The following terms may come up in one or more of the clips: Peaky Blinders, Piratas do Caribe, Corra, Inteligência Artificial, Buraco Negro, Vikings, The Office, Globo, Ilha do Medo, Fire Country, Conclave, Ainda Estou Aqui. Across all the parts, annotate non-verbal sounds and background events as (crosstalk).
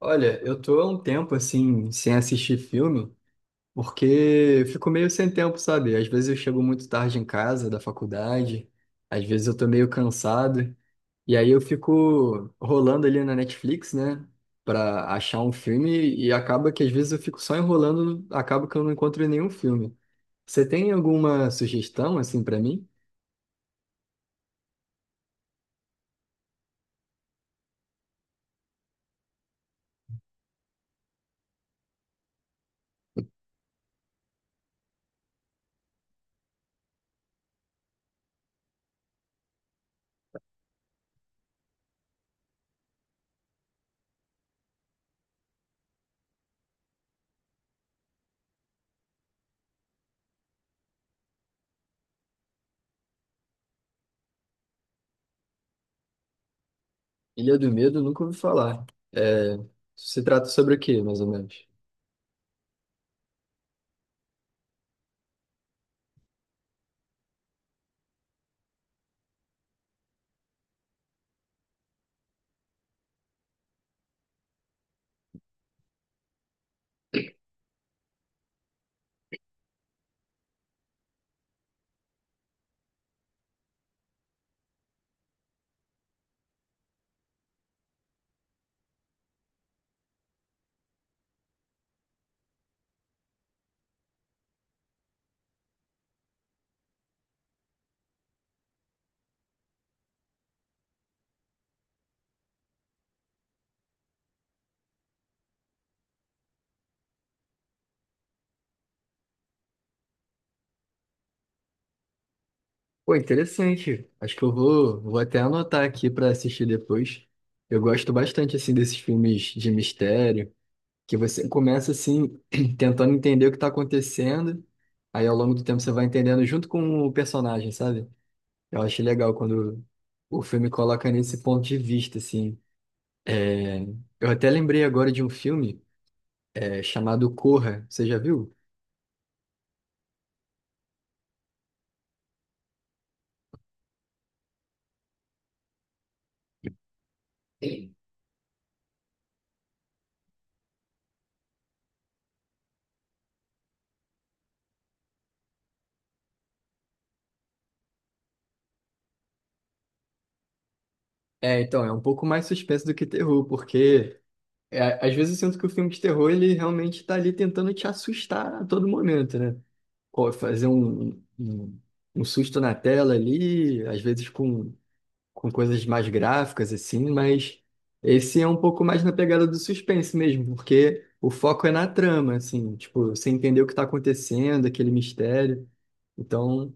Olha, eu tô há um tempo assim, sem assistir filme, porque eu fico meio sem tempo, sabe? Às vezes eu chego muito tarde em casa da faculdade, às vezes eu tô meio cansado, e aí eu fico rolando ali na Netflix, né, pra achar um filme, e acaba que às vezes eu fico só enrolando, acaba que eu não encontro nenhum filme. Você tem alguma sugestão, assim, pra mim? Ilha do Medo, eu nunca ouvi falar. É, se trata sobre o quê, mais ou menos? Pô, interessante. Acho que eu vou, vou até anotar aqui para assistir depois. Eu gosto bastante assim desses filmes de mistério, que você começa assim (clears throat) tentando entender o que tá acontecendo, aí ao longo do tempo você vai entendendo junto com o personagem, sabe? Eu acho legal quando o filme coloca nesse ponto de vista assim. É, eu até lembrei agora de um filme chamado Corra. Você já viu? Sim. É, então, é um pouco mais suspense do que terror, porque é, às vezes eu sinto que o filme de terror, ele realmente tá ali tentando te assustar a todo momento, né? Fazer um susto na tela ali, às vezes com coisas mais gráficas, assim, mas esse é um pouco mais na pegada do suspense mesmo, porque o foco é na trama, assim, tipo, você entender o que tá acontecendo, aquele mistério. Então,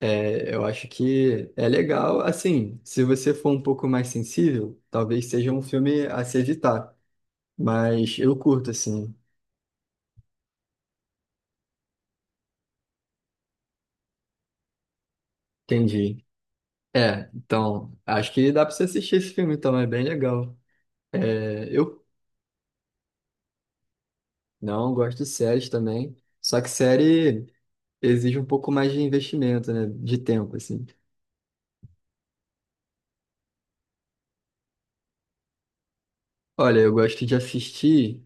eu acho que é legal, assim, se você for um pouco mais sensível, talvez seja um filme a se evitar. Mas eu curto, assim. Entendi. É, então, acho que dá pra você assistir esse filme, então, é bem legal. É, eu não gosto de séries também, só que série exige um pouco mais de investimento, né? De tempo, assim. Olha, eu gosto de assistir.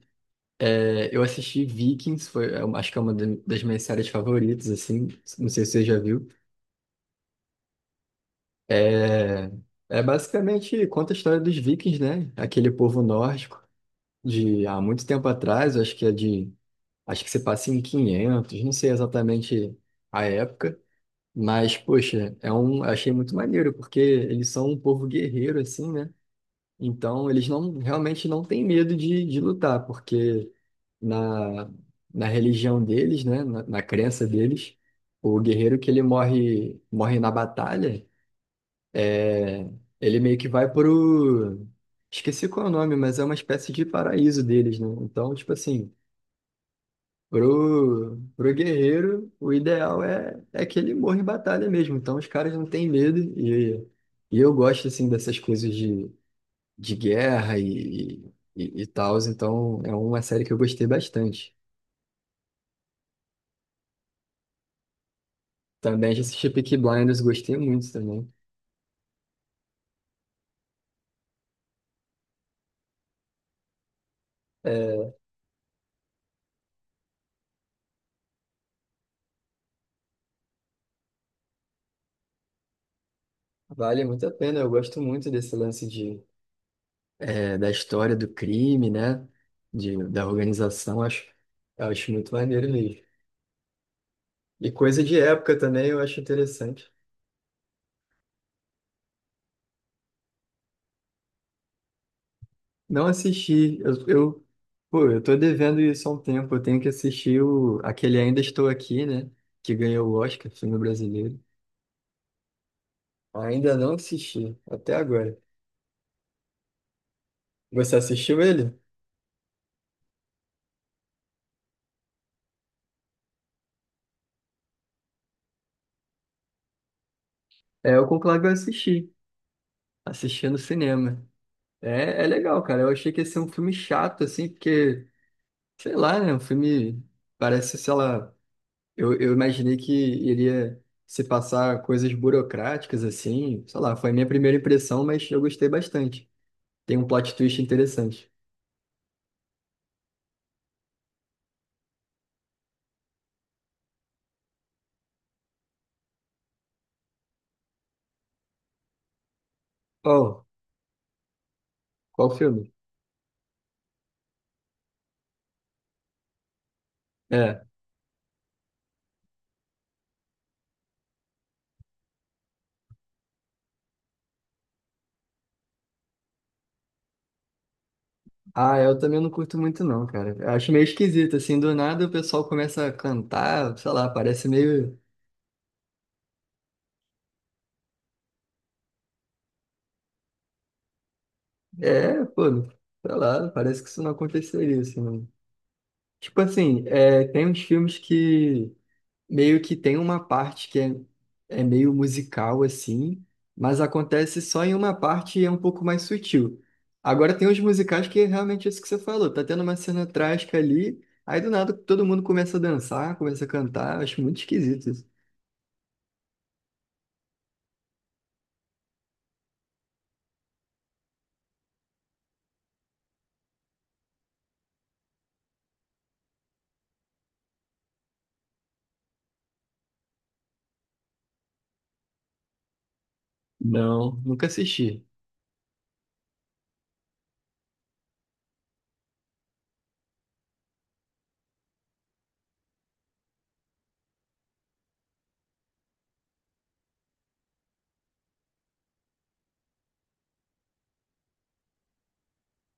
Eu assisti Vikings, foi, é, acho que é uma das minhas séries favoritas, assim. Não sei se você já viu. É, é basicamente conta a história dos Vikings, né? Aquele povo nórdico de há muito tempo atrás, acho que é de. Acho que você passa em 500, não sei exatamente a época, mas, poxa, é um, achei muito maneiro, porque eles são um povo guerreiro, assim, né? Então, eles não, realmente não têm medo de lutar, porque na, na religião deles, né, na crença deles, o guerreiro que ele morre, morre na batalha, é, ele meio que vai pro... Esqueci qual é o nome, mas é uma espécie de paraíso deles, né? Então, tipo assim, pro guerreiro, o ideal é que ele morra em batalha mesmo. Então os caras não têm medo. E eu gosto assim dessas coisas de guerra e e tal. Então é uma série que eu gostei bastante. Também já assisti Peaky Blinders, gostei muito também. É, vale muito a pena. Eu gosto muito desse lance de, é, da história do crime, né? De, da organização. Acho, acho muito maneiro mesmo. E coisa de época também eu acho interessante. Não assisti. Pô, eu tô devendo isso há um tempo. Eu tenho que assistir o, aquele Ainda Estou Aqui, né? Que ganhou o Oscar, filme brasileiro. Ainda não assisti, até agora. Você assistiu ele? É, o Conclave eu assisti. Assisti no cinema. É, é legal, cara. Eu achei que ia ser um filme chato, assim, porque, sei lá, né? Um filme parece, sei lá. Eu imaginei que iria se passar coisas burocráticas, assim. Sei lá, foi a minha primeira impressão, mas eu gostei bastante. Tem um plot twist interessante. Oh, qual filme? É. Ah, eu também não curto muito não, cara. Eu acho meio esquisito, assim, do nada o pessoal começa a cantar, sei lá, parece meio... É, pô, sei lá, parece que isso não aconteceria, assim. Não. Tipo assim, é, tem uns filmes que meio que tem uma parte que é, é meio musical assim, mas acontece só em uma parte e é um pouco mais sutil. Agora tem os musicais que é realmente isso que você falou, tá tendo uma cena trágica ali, aí do nada todo mundo começa a dançar, começa a cantar, acho muito esquisito isso. Não, nunca assisti.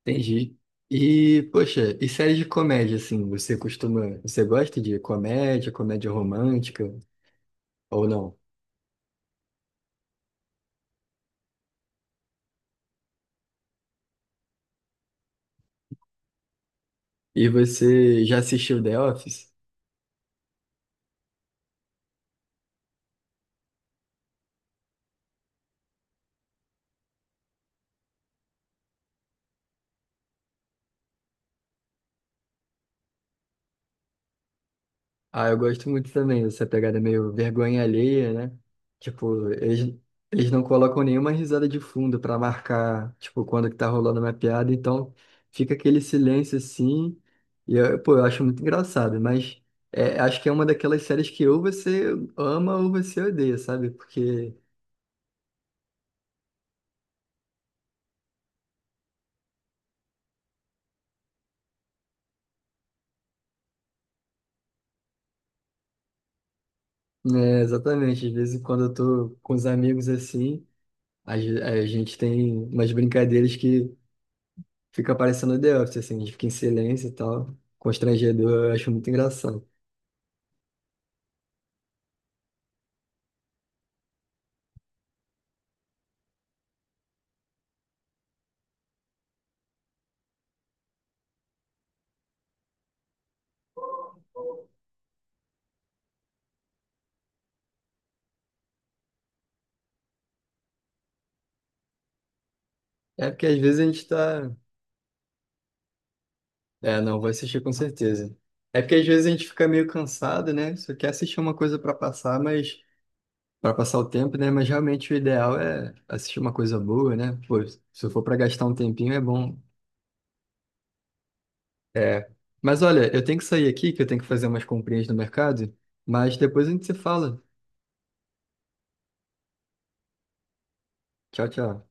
Entendi. E, poxa, e séries de comédia, assim, você costuma, você gosta de comédia, comédia romântica ou não? E você já assistiu The Office? Ah, eu gosto muito também dessa pegada meio vergonha alheia, né? Tipo, eles não colocam nenhuma risada de fundo pra marcar, tipo, quando que tá rolando uma piada, então fica aquele silêncio assim, e eu, pô, eu acho muito engraçado, mas é, acho que é uma daquelas séries que ou você ama ou você odeia, sabe? Porque, né, exatamente, às vezes quando eu tô com os amigos assim, a gente tem umas brincadeiras que fica parecendo The Office, assim, a gente fica em silêncio e tal. Constrangedor, eu acho muito engraçado. É porque às vezes a gente tá. É, não, vou assistir com certeza. É porque às vezes a gente fica meio cansado, né? Só quer assistir uma coisa pra passar, mas. Pra passar o tempo, né? Mas realmente o ideal é assistir uma coisa boa, né? Pô, se for pra gastar um tempinho, é bom. É. Mas olha, eu tenho que sair aqui, que eu tenho que fazer umas comprinhas no mercado, mas depois a gente se fala. Tchau, tchau.